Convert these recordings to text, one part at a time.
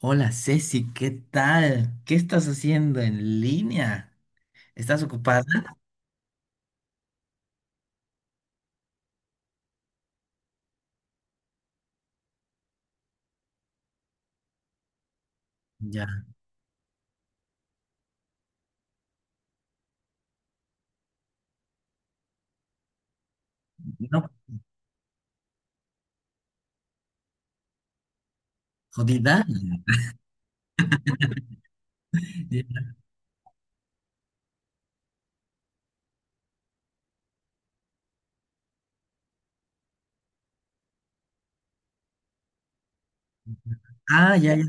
Hola Ceci, ¿qué tal? ¿Qué estás haciendo en línea? ¿Estás ocupada? Ya, no, jodida. Ya. Ah, ya, ya.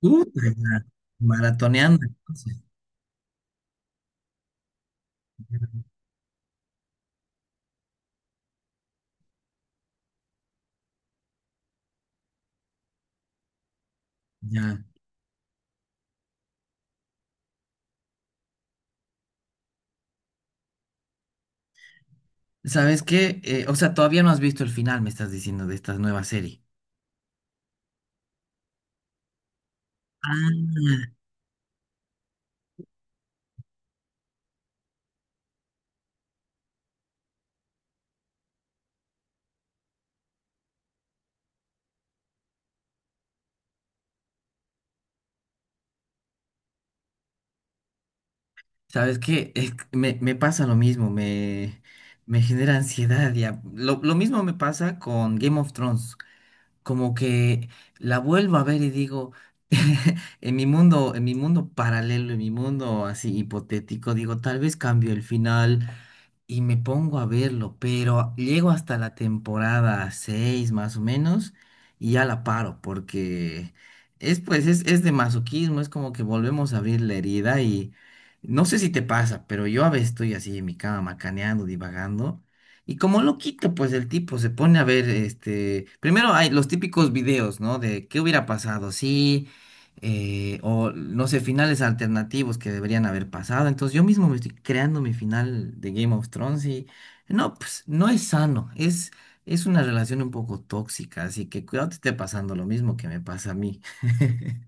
Tú, ya, maratoneando entonces. Ya. ¿Sabes qué? O sea, todavía no has visto el final, me estás diciendo, de esta nueva serie. Ah, ¿sabes qué? Es que me pasa lo mismo, me genera ansiedad ya. Lo mismo me pasa con Game of Thrones. Como que la vuelvo a ver y digo, en mi mundo paralelo, en mi mundo así hipotético, digo, tal vez cambio el final, y me pongo a verlo, pero llego hasta la temporada 6 más o menos y ya la paro porque es pues es de masoquismo, es como que volvemos a abrir la herida y no sé si te pasa, pero yo a veces estoy así en mi cama macaneando, divagando. Y como lo quito, pues el tipo se pone a ver, este, primero hay los típicos videos, ¿no? De qué hubiera pasado, si o no sé, finales alternativos que deberían haber pasado. Entonces yo mismo me estoy creando mi final de Game of Thrones y no, pues no es sano, es una relación un poco tóxica, así que cuidado te esté pasando lo mismo que me pasa a mí.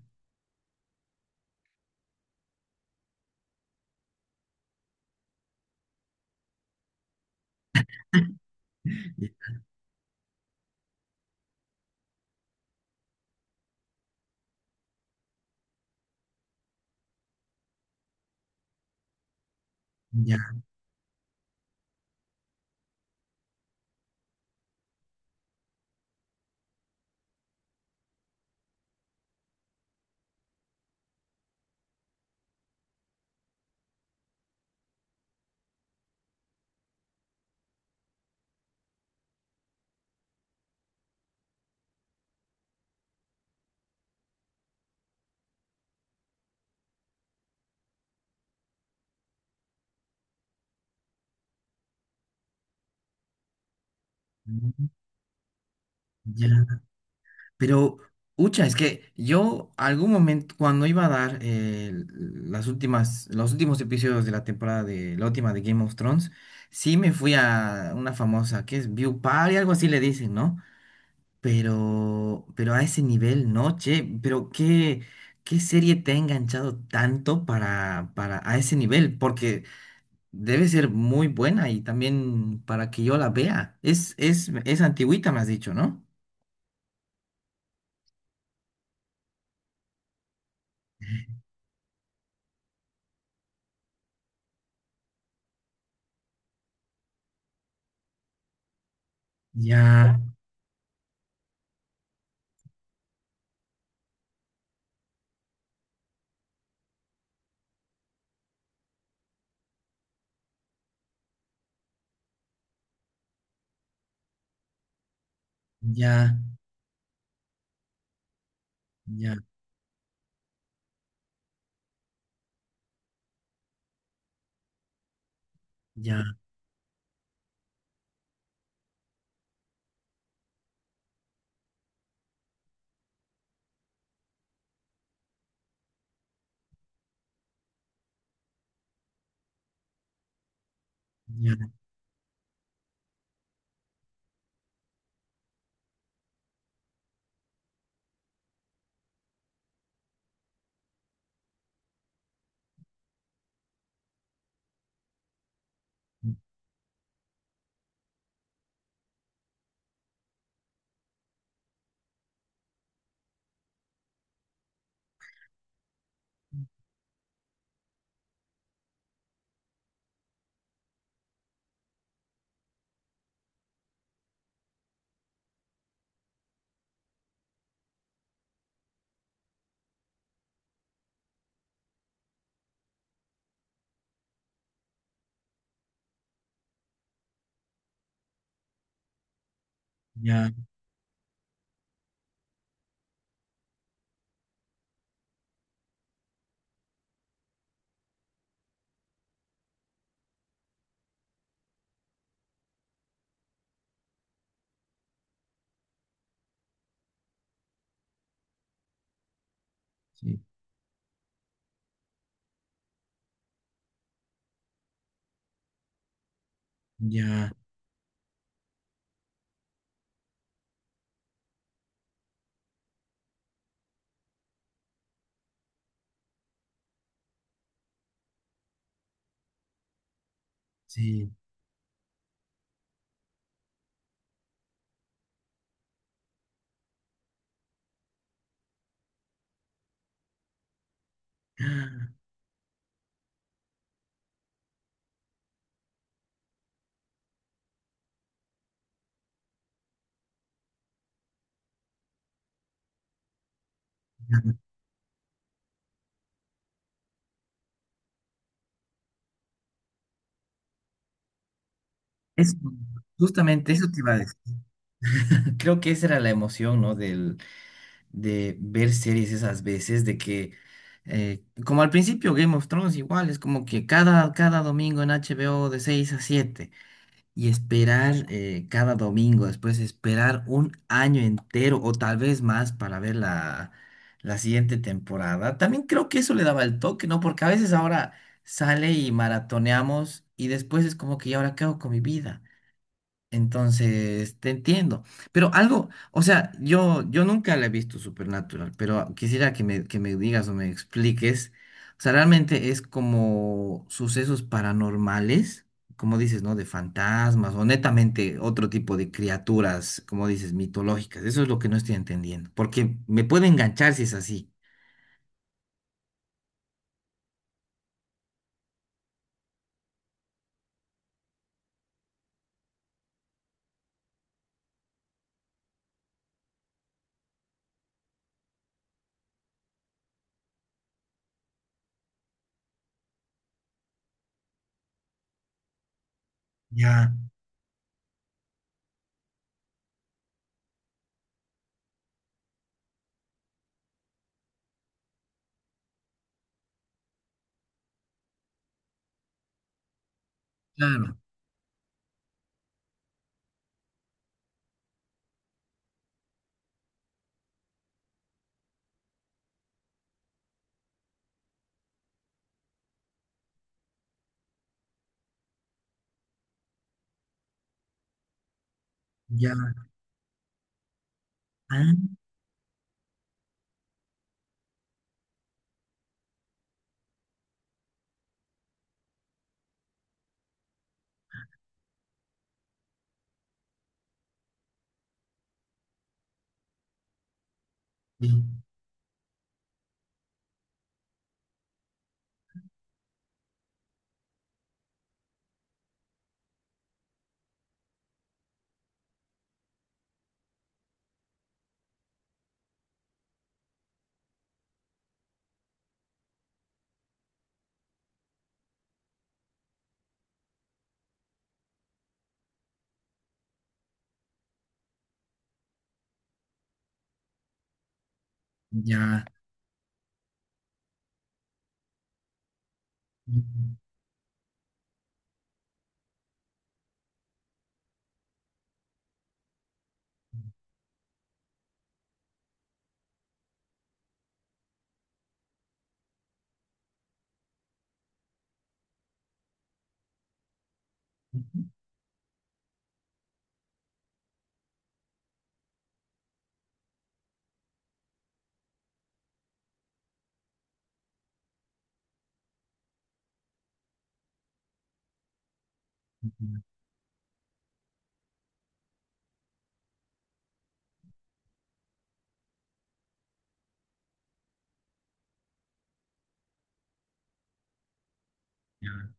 Ya, ya. Pero, ucha, es que yo algún momento, cuando iba a dar las últimas, los últimos episodios de la temporada de la última de Game of Thrones, sí me fui a una famosa, que es View Party, algo así le dicen, ¿no? Pero a ese nivel, no, che, pero qué serie te ha enganchado tanto para a ese nivel, porque debe ser muy buena y también para que yo la vea. Es antigüita, me has dicho, ¿no? Ya, ya, ya, ya, ya, ya, sí, ya, sí. Es, justamente eso te iba a decir. Creo que esa era la emoción, ¿no? del de ver series esas veces, de que, como al principio Game of Thrones igual, es como que cada domingo en HBO de 6 a 7 y esperar cada domingo, después esperar un año entero o tal vez más para ver la siguiente temporada. También creo que eso le daba el toque, ¿no? Porque a veces ahora sale y maratoneamos y después es como que, ¿y ahora qué hago con mi vida? Entonces, te entiendo. Pero algo, o sea, yo nunca la he visto Supernatural, pero quisiera que me digas o me expliques. O sea, realmente es como sucesos paranormales, como dices, ¿no? De fantasmas o netamente otro tipo de criaturas, como dices, mitológicas. Eso es lo que no estoy entendiendo, porque me puede enganchar si es así. Ya, claro, ya, ah, sí, ya, ujú, ujú, ujú, ya,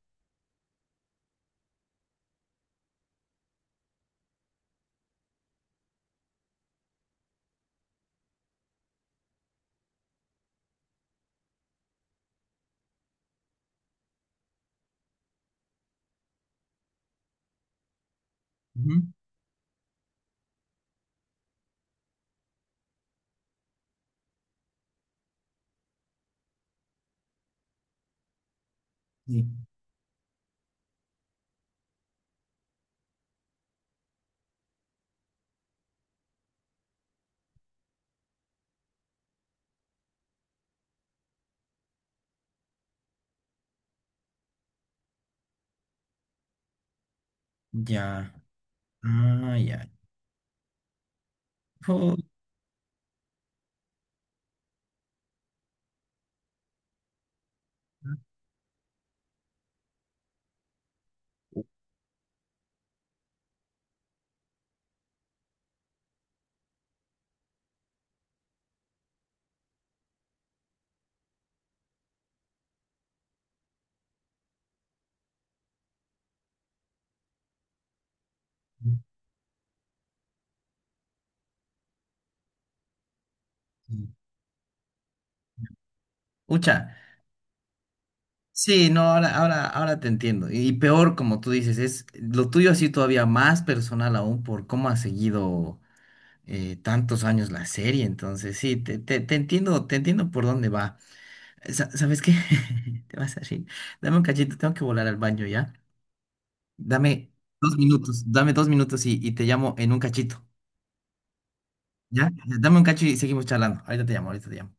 ujú, sí, ya. Ah, ya. Pu- Ucha. Sí, no, ahora, ahora, ahora te entiendo. Y peor, como tú dices, es lo tuyo así todavía más personal aún por cómo has seguido tantos años la serie. Entonces, sí, te entiendo, te entiendo por dónde va. ¿Sabes qué? Te vas a reír. Dame un cachito, tengo que volar al baño, ¿ya? Dame 2 minutos, dame 2 minutos y te llamo en un cachito, ¿ya? Dame un cacho y seguimos charlando. Ahorita te llamo, ahorita te llamo.